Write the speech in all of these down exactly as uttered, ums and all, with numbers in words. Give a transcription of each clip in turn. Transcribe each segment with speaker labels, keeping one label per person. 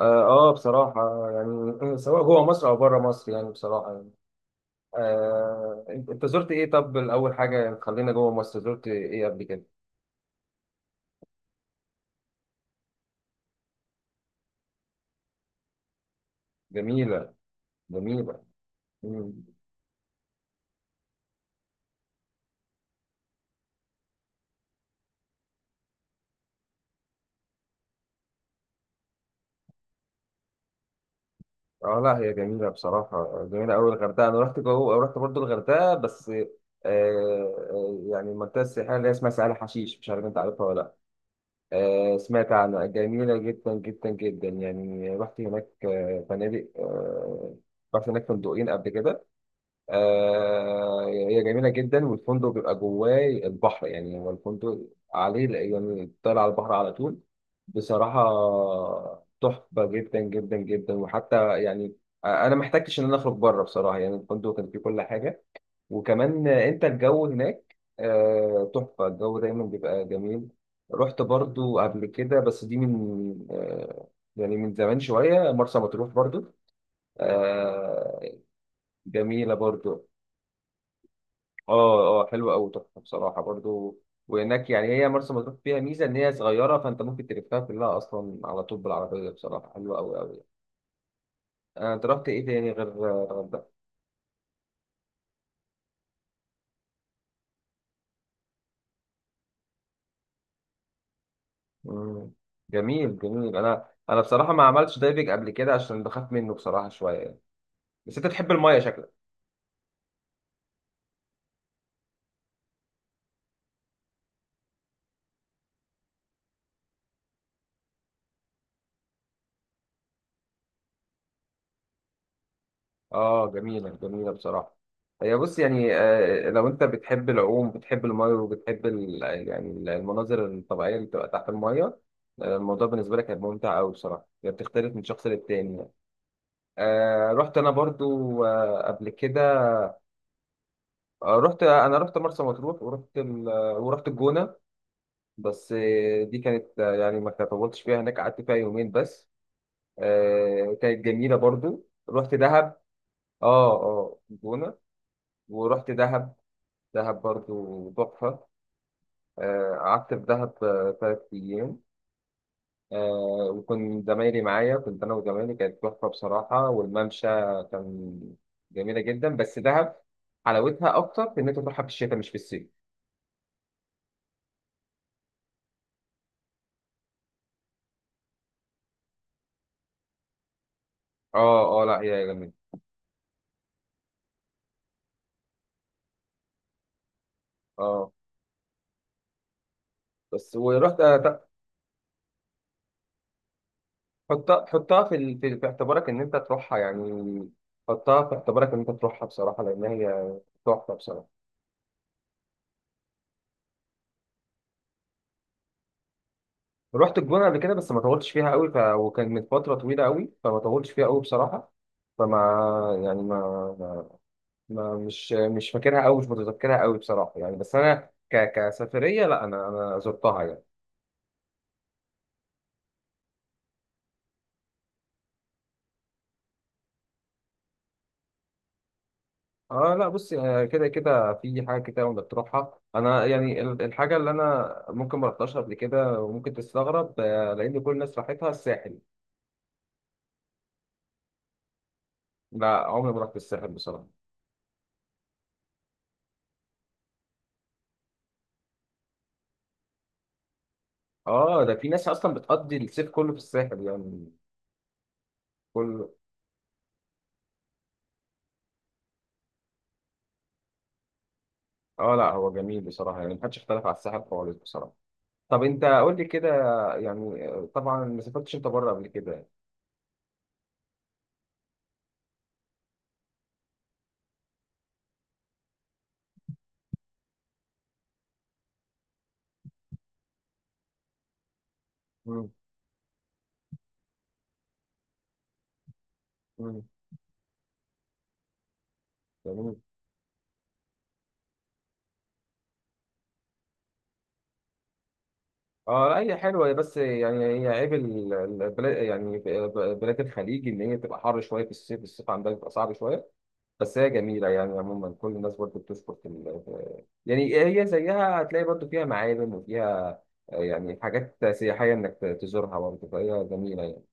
Speaker 1: اه آه، بصراحة، يعني سواء جوه مصر او بره مصر، يعني بصراحة يعني. آه انت أنت زرت ايه؟ طب الاول حاجة، يعني خلينا جوه مصر، زرت ايه قبل كده؟ جميلة. جميلة. مم. اه، لا هي جميلة بصراحة، جميلة اوي الغردقة. انا رحت جوه، رحت برضو الغردقة بس آه آه، يعني المنطقة السياحية اللي هي اسمها سهل حشيش، مش عارف انت عارفها ولا لا؟ آه سمعت عنها جميلة جدا جدا جدا، يعني رحت هناك آه، فنادق آه رحت هناك فندقين قبل كده. آه هي جميلة جدا، والفندق بيبقى جواه البحر، يعني هو الفندق عليه، يعني بتطلع على البحر على طول بصراحة. تحفة جدا جدا جدا، وحتى يعني أنا ما احتجتش إن أنا أخرج بره، بصراحة يعني الفندق كان فيه كل حاجة. وكمان أنت، الجو هناك آه، تحفة، الجو دايما بيبقى جميل. رحت برضو قبل كده، بس دي من آه، يعني من زمان شوية، مرسى مطروح برضو. آه، جميلة برضو. اه، اه، حلوه قوي تحفه بصراحه برضو. وهناك يعني هي مرسى مطروح فيها ميزه، ان هي صغيره فانت ممكن تلفها كلها اصلا على طول بالعربيه، بصراحه حلوه قوي قوي. انا انت رحت ايه تاني غير الغردقه؟ مم. جميل جميل، انا انا بصراحه ما عملتش دايفنج قبل كده عشان بخاف منه بصراحه شويه يعني. بس انت بتحب المايه شكلك؟ اه، جميلة جميلة بصراحة. هي بص يعني، آه، لو انت بتحب العوم، بتحب المية وبتحب ال- يعني المناظر الطبيعية اللي بتبقى تحت المية، آه، الموضوع بالنسبة لك هيبقى ممتع أوي، بصراحة هي بتختلف من شخص للتاني يعني. آه رحت أنا برضو آه قبل كده. آه رحت أنا رحت مرسى مطروح، ورحت ال... آه، ورحت الجونة. بس آه، دي كانت آه، يعني ما طولتش فيها هناك، قعدت فيها يومين بس. آه كانت جميلة. برضو رحت دهب. اه، اه، الجونة. ورحت دهب. دهب برضو تحفة. آه، قعدت في دهب آه، تلات أيام. آه، وكنت زمايلي معايا، كنت أنا وزمايلي كانت تحفة بصراحة، والممشى كان جميلة جدا. بس دهب حلاوتها أكتر في إن أنت تروحها في الشتاء، مش في الصيف. أه، أه، لا هي جميلة. أه بس ورحت آه، حطها حطها في ال- في في اعتبارك إن أنت تروحها يعني. حطها في اعتبارك إن أنت تروحها بصراحة، لأن هي تحفة بصراحة. رحت الجونة قبل كده، بس ما طولتش فيها قوي ف... وكان من فترة طويلة قوي، فما طولتش فيها قوي بصراحة. فما يعني ما, ما... ما مش مش فاكرها قوي، مش متذكرها قوي بصراحة يعني. بس أنا ك... كسفرية، لا أنا أنا زرتها يعني. اه، لا بص، آه، كده كده في حاجة كده. وانت بتروحها، انا يعني ال- الحاجة اللي انا ممكن ما رحتهاش قبل كده، وممكن تستغرب، آه، لان كل الناس راحتها الساحل. لا، عمري ما رحت الساحل بصراحة. اه، ده في ناس اصلا بتقضي الصيف كله في الساحل يعني. كل اه، لا هو جميل بصراحه، يعني محدش اختلف على الساحل خالص بصراحه. طب انت قول لي كده، يعني آه، طبعا ما سافرتش انت بره قبل كده؟ مم. مم. جميل. اه، لا هي حلوه، هي بس يعني هي عيب ال- البلاد، يعني ب- بلاد الخليج ان هي بتبقى حر شويه في الصيف الصيف عندها بيبقى صعب شويه. بس هي جميله، يعني عموما كل الناس برضه بتشكر في ال- في- يعني هي زيها، هتلاقي برضه فيها معالم وفيها آه، يعني حاجات سياحيه انك ت- تزورها برضه، فهي جميله يعني.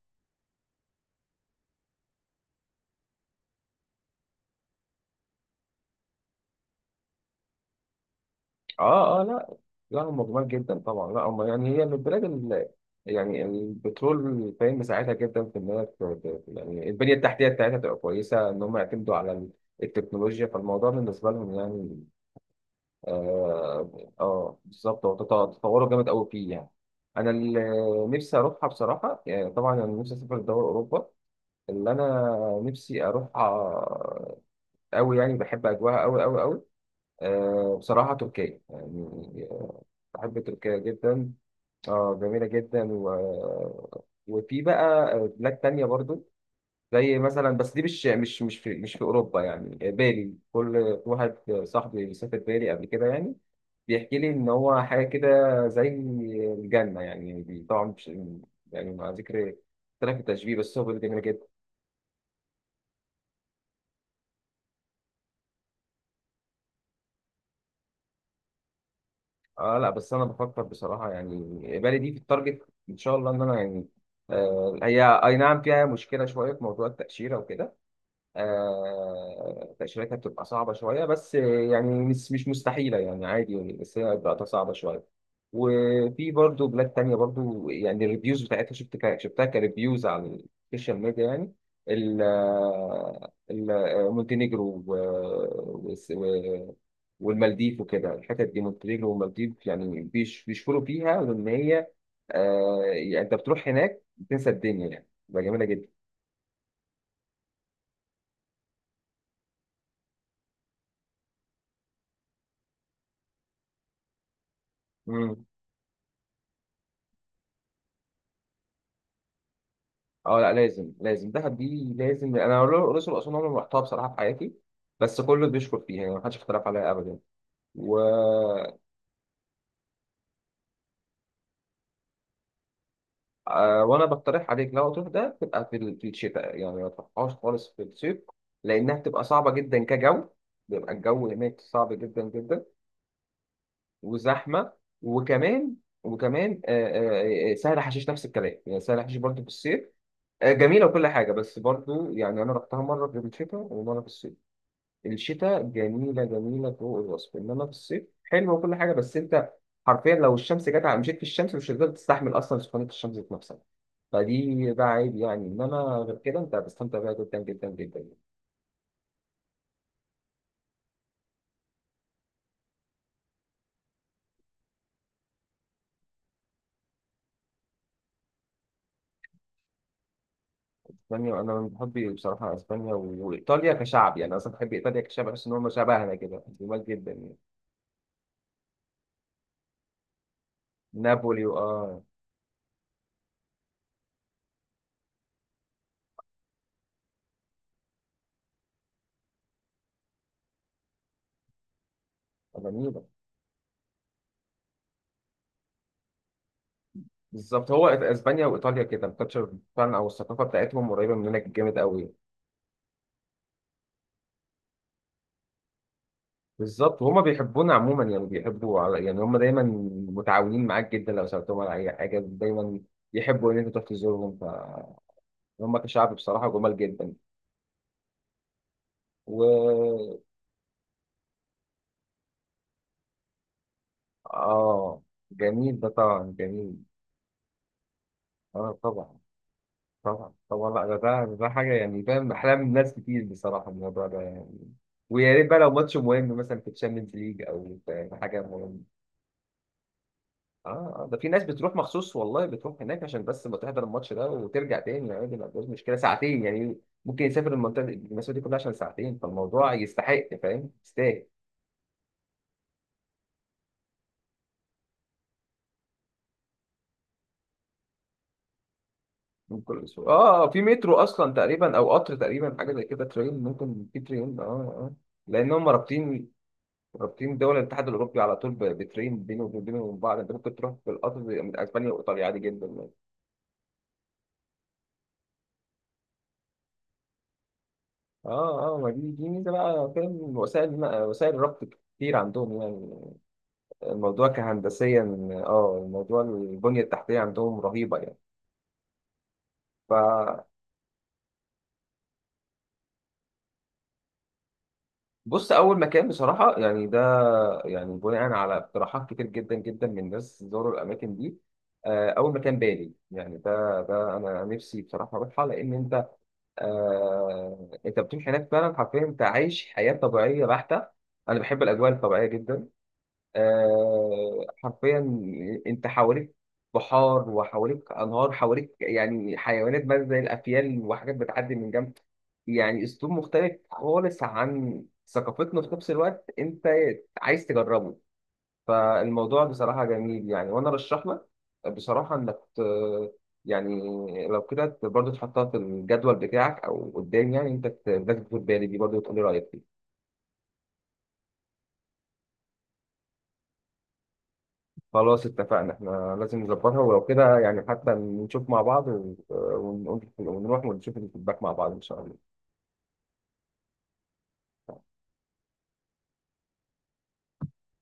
Speaker 1: اه، اه، لا، لا هم جمال جدا طبعا، لا هم يعني، هي من البلاد اللي يعني البترول، فاهم، مساعدها جدا في ان هي ت- ت- يعني البنيه التحتيه بتاعتها تبقى كويسه، ان هم يعتمدوا على ال- التكنولوجيا، فالموضوع بالنسبه لهم يعني. اه. آه بالظبط، هو تط- تطوروا جامد قوي فيه يعني. انا اللي نفسي اروحها بصراحه، يعني طبعا انا نفسي اسافر لدول اوروبا اللي انا نفسي اروحها قوي، يعني بحب اجواها قوي قوي قوي. آه، بصراحة تركيا يعني، بحب تركيا جدا. اه، جميلة جدا و... وفي بقى بلاد تانية برضو، زي مثلا، بس دي مش مش مش في مش في أوروبا، يعني بالي. كل واحد صاحبي سافر بالي قبل كده يعني، بيحكي لي إن هو حاجة كده، زي الجنة يعني، بي- طبعا مش يعني، مع ذكر اختلاف التشبيه، بس هو بيقول جميلة جدا. اه، لا بس أنا بفكر بصراحة يعني، بالي دي في التارجت إن شاء الله، إن أنا يعني آه هي أي نعم فيها مشكلة شوية في موضوع التأشيرة وكده. آه، تأشيرتها بتبقى صعبة شوية، بس يعني مش مش مستحيلة، يعني عادي يعني، بس هي بتبقى صعبة شوية. وفي برضو بلاد تانية برضو، يعني الريفيوز بتاعتها شفت ك- شفتها كريفيوز على السوشيال ميديا يعني. ال ال- مونتينيجرو و- وس- و- والمالديف وكده، الحتت دي مونتينيجرو والمالديف، يعني بيش- بيشكروا فيها لأن هي آه، يعني أنت بتروح هناك بتنسى الدنيا، يعني بقى جميلة جدا. اه، لا لازم، لازم دهب دي لازم. انا الاقصر واسوان عمري ما رحتها بصراحه في حياتي، بس كله بيشكر فيها، يعني محدش اختلف عليها ابدا و... آه، وانا بقترح عليك لو تروح ده تبقى في ال- في الشتاء، يعني ما تروحهاش خالص في الصيف، لانها بتبقى صعبه جدا كجو. بيبقى الجو هناك صعب جدا جدا، وزحمه. وكمان وكمان آه، آه، آه، سهل حشيش نفس الكلام، يعني سهل حشيش برضه في الصيف، آه، جميله وكل حاجه، بس برضه يعني انا رحتها مره في الشتاء ومره في الصيف. الشتاء جميلة جميلة فوق الوصف، إنما في الصيف حلوة وكل حاجة، بس أنت حرفيا لو الشمس جت على، مشيت في الشمس مش هتقدر تستحمل أصلا سخونية الشمس ذات نفسها. فدي بقى عيب يعني، إنما غير كده أنت هتستمتع بيها جدا جدا جدا يعني. إسبانيا، أنا من محبي بصراحة إسبانيا و- وإيطاليا كشعب، يعني أنا أصلا بحب إيطاليا كشعب، بحس إن هم شبهنا كده، جمال جدا يعني. نابولي وآه جميلة. بالظبط، هو إسبانيا وإيطاليا كده الكالتشر فعلا، أو الثقافة بتاعتهم قريبة مننا جامد قوي. بالظبط، وهما بيحبونا عموما، يعني بيحبوا على، يعني هما دايما متعاونين معاك جدا، لو سألتهم على أي حاجة دايما يحبوا إن أنت تروح تزورهم. فهم كشعب بصراحة جمال جدا. و آه جميل ده، طبعا جميل. آه طبعا طبعا طبعا، لا ده ده ده حاجة، يعني فاهم، أحلام ناس كتير بصراحة الموضوع ده يعني. ويا ريت بقى لو ماتش مهم مثلا في الشامبيونز ليج، أو في في حاجة مهمة. اه، آه، ده في ناس بتروح مخصوص والله، بتروح هناك عشان بس ما تحضر الماتش ده وترجع تاني يعني، دي ما فيهاش مشكله، ساعتين يعني. ممكن يسافر المنطقه دي- المسافه دي كلها عشان ساعتين، فالموضوع يستحق، فاهم، يستاهل. ممكن، اه آه، في مترو اصلا تقريبا او قطر تقريبا، حاجه زي كده، ترين. ممكن في ترين. اه اه لان هم رابطين، رابطين دول الاتحاد الاوروبي على طول ب- بترين بينهم، وبينهم وبين بعض. انت ممكن تروح بالقطر من اسبانيا وايطاليا عادي جدا يعني. اه، اه، ما دي دي ميزه بقى، فاهم، وسائل وسائل الربط كتير عندهم يعني. الموضوع كهندسيا، اه، الموضوع البنية التحتية عندهم رهيبة يعني. فبص، أول مكان بصراحة يعني، ده يعني بناء على اقتراحات كتير جدا جدا من ناس زوروا الأماكن دي. آه، أول مكان بالي، يعني ده ده أنا نفسي بصراحة أروحها، لأن أنت آه أنت بتروح هناك فعلا، حرفيا أنت عايش حياة طبيعية بحتة. أنا بحب الأجواء الطبيعية جدا، آه، حرفيا انت حواليك بحار، وحواليك انهار، حواليك يعني حيوانات بقى زي الافيال، وحاجات بتعدي من جنب. يعني اسلوب مختلف خالص عن ثقافتنا، في نفس الوقت انت عايز تجربه، فالموضوع بصراحة جميل يعني. وانا رشح لك بصراحة انك ت- يعني لو كده برضه تحطها في الجدول بتاعك او قدام، يعني انت ت- لازم تاخد بالي دي برضه، وتقول لي رايك فيها. خلاص اتفقنا، احنا لازم نظبطها ولو كده يعني، حتى نشوف مع بعض و- ونقول- ونروح ونشوف الفيدباك مع بعض ان شاء الله.